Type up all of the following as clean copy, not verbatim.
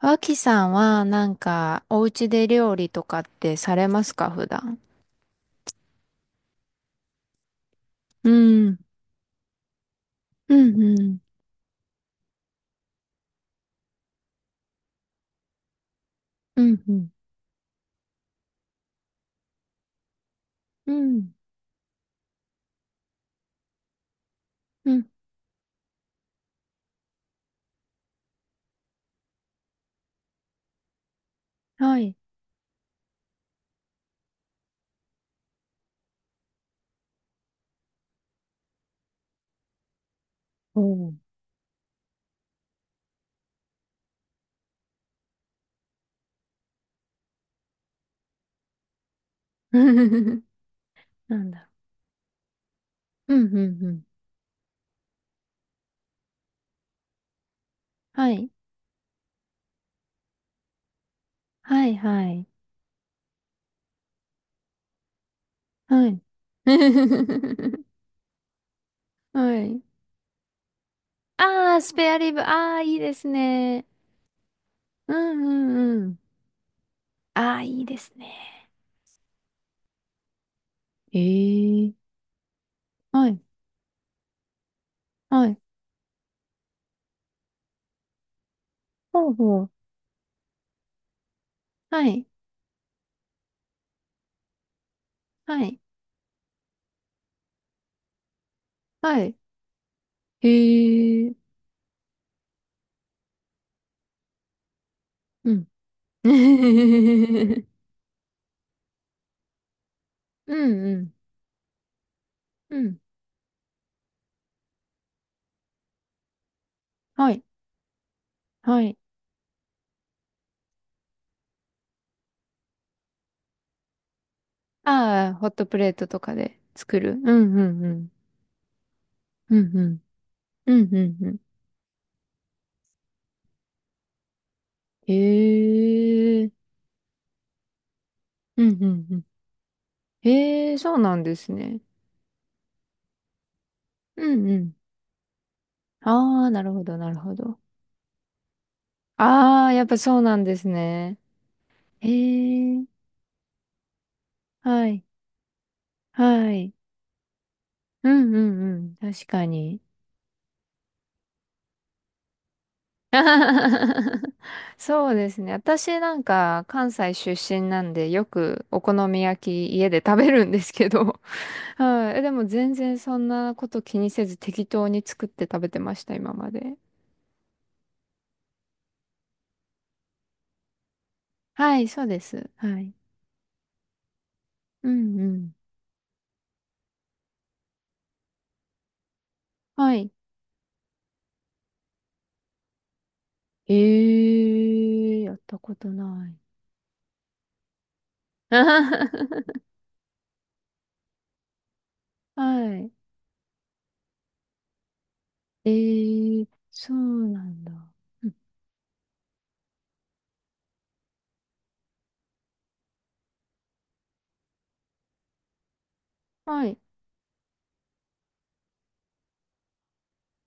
脇さんはなんかお家で料理とかってされますか、普段。うん。うんうん。うんうん。うんうん。はい。おお。なんだろう。うんうんうん。はい。はいはい。はい。はい。ああ、スペアリブ。ああ、いいですね。うんうんうん。ああ、いいですね。ええ。はい。はい。ほうほう。はい。はい。はい。ええ。うん。 うんうん。うん。はい。はい。ああ、ホットプレートとかで作る。うんうんうん。うんうん。うんうんうん。へえ。うんうんうん。へえ、そうなんですね。うんうん。ああ、なるほど、なるほど。ああ、やっぱそうなんですね。へえ。はい。はい。うんうんうん。確かに。そうですね。私なんか関西出身なんで、よくお好み焼き家で食べるんですけど、はい。でも全然そんなこと気にせず適当に作って食べてました、今まで。はい、そうです。はい。うんうん。はい。えー、やったことない。はい。えー、そうなんだ。うん、はい。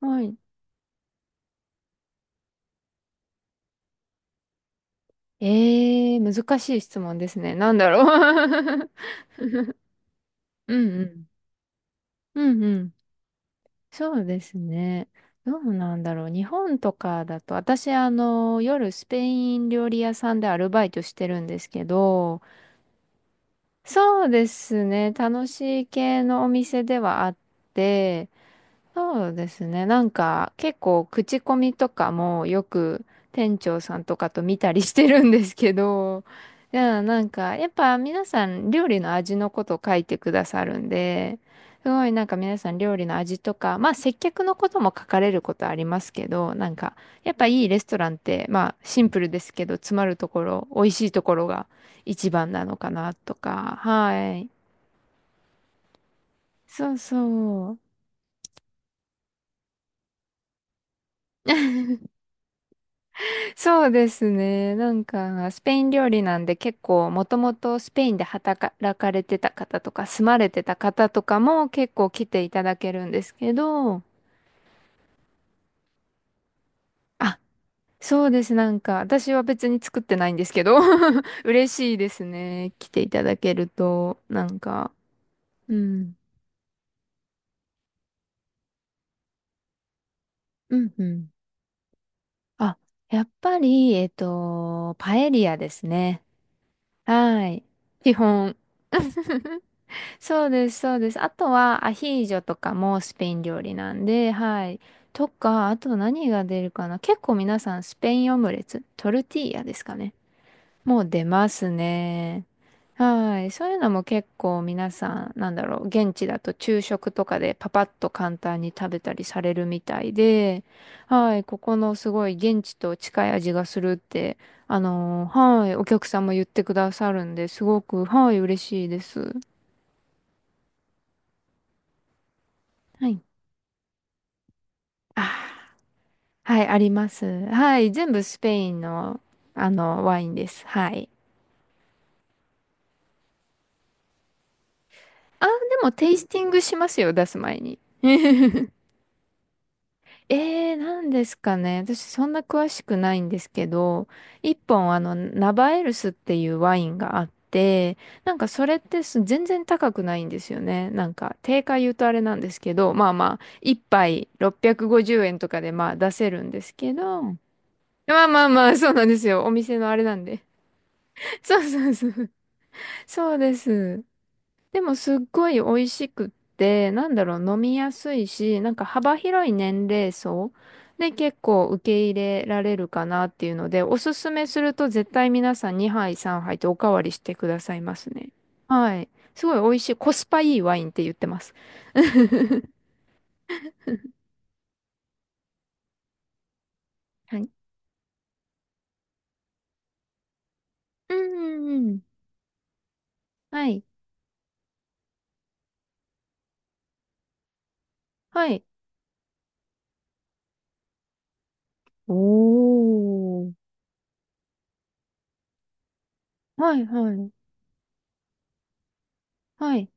はい。えー、難しい質問ですね。なんだろう。うんうん。うんうん。そうですね。どうなんだろう。日本とかだと、私、夜スペイン料理屋さんでアルバイトしてるんですけど、そうですね。楽しい系のお店ではあって、そうですね。なんか結構口コミとかもよく店長さんとかと見たりしてるんですけど、いや、なんかやっぱ皆さん料理の味のこと書いてくださるんで、すごいなんか皆さん料理の味とか、まあ接客のことも書かれることありますけど、なんかやっぱいいレストランってまあシンプルですけど、詰まるところ、美味しいところが一番なのかなとか、はい。そうそう。そうですね。なんか、スペイン料理なんで結構、もともとスペインで働かれてた方とか、住まれてた方とかも結構来ていただけるんですけど、あ、そうです。なんか、私は別に作ってないんですけど、嬉しいですね。来ていただけると、なんか、うん、うん、うん。あ、やっぱり、パエリアですね。はい。基本。そうです、そうです。あとはアヒージョとかもスペイン料理なんで、はい。とか、あと何が出るかな。結構皆さんスペインオムレツ、トルティーヤですかね。もう出ますね。はい。そういうのも結構皆さん、なんだろう、現地だと昼食とかでパパッと簡単に食べたりされるみたいで、はい。ここのすごい現地と近い味がするって、はい。お客さんも言ってくださるんで、すごく、はい、嬉しいです。はい。あー、はい、あります。はい、全部スペインの、ワインです。はい。あ、でもテイスティングしますよ、出す前に。えー、なんですかね。私そんな詳しくないんですけど、一本ナバエルスっていうワインがあって、なんかそれってす全然高くないんですよね。なんか定価言うとあれなんですけど、まあまあ、一杯650円とかでまあ出せるんですけど、まあまあまあ、そうなんですよ。お店のあれなんで。そうそうそう。そうです。でもすっごい美味しくって、なんだろう、飲みやすいし、なんか幅広い年齢層で結構受け入れられるかなっていうので、おすすめすると絶対皆さん2杯3杯とおかわりしてくださいますね。はい。すごい美味しい、コスパいいワインって言ってます。はい。うんうんうん。はい。はい。おー。はいはい。はい。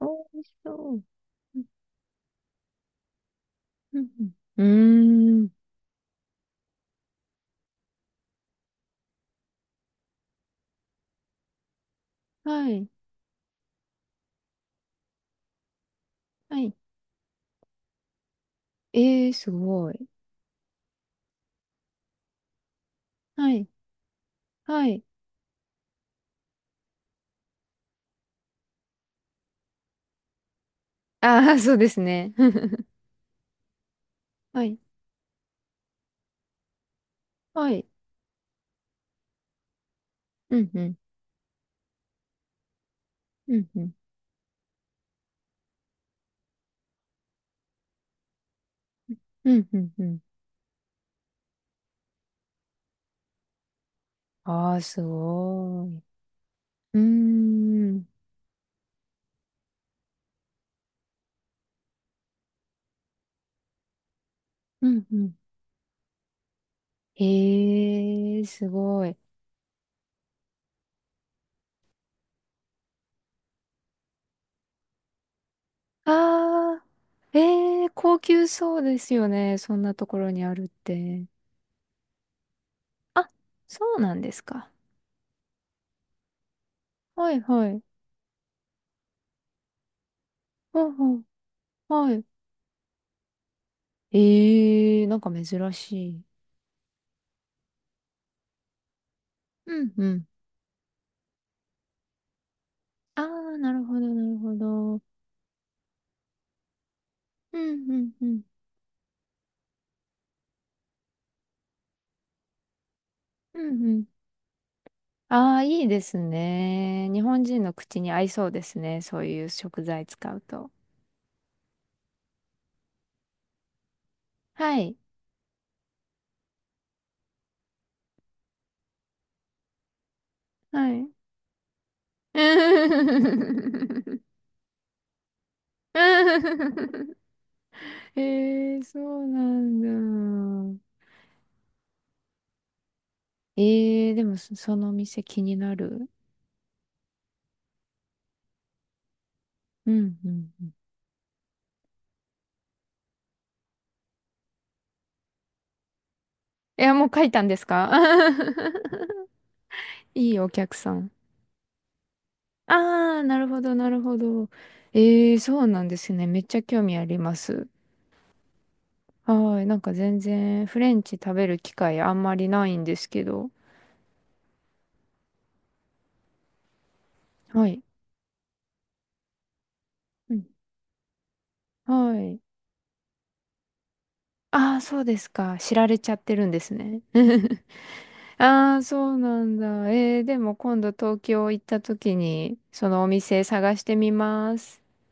美味しそう。うんうんうん。うーん。はい。はい。えー、すごい。はい。はい。ああ、そうですね。はい。はい。うん、うん。うん、うん。うん、うん、うん。ああ、すごい。うーん。うん、うん。へえ、すごい。ああ、ええ、高級そうですよね。そんなところにあるって。あ、そうなんですか。はい、はい。ほうほう。はい。ええ、なんか珍しい。うん、うん。ああ、なるほど、なるほど。うんうんうん。うんうん。ああ、いいですね。日本人の口に合いそうですね。そういう食材使うと。はい。はい。ええ、そうなんだ。ええ、でもそ、その店気になる。うんうんうん。いや、もう書いたんですか？ いいお客さん。ああ、なるほど、なるほど。ええ、そうなんですね。めっちゃ興味あります。はい。なんか全然フレンチ食べる機会あんまりないんですけど。はい。うん。はい。ああ、そうですか。知られちゃってるんですね。ああ、そうなんだ。えー、でも今度東京行った時に、そのお店探してみます。はい。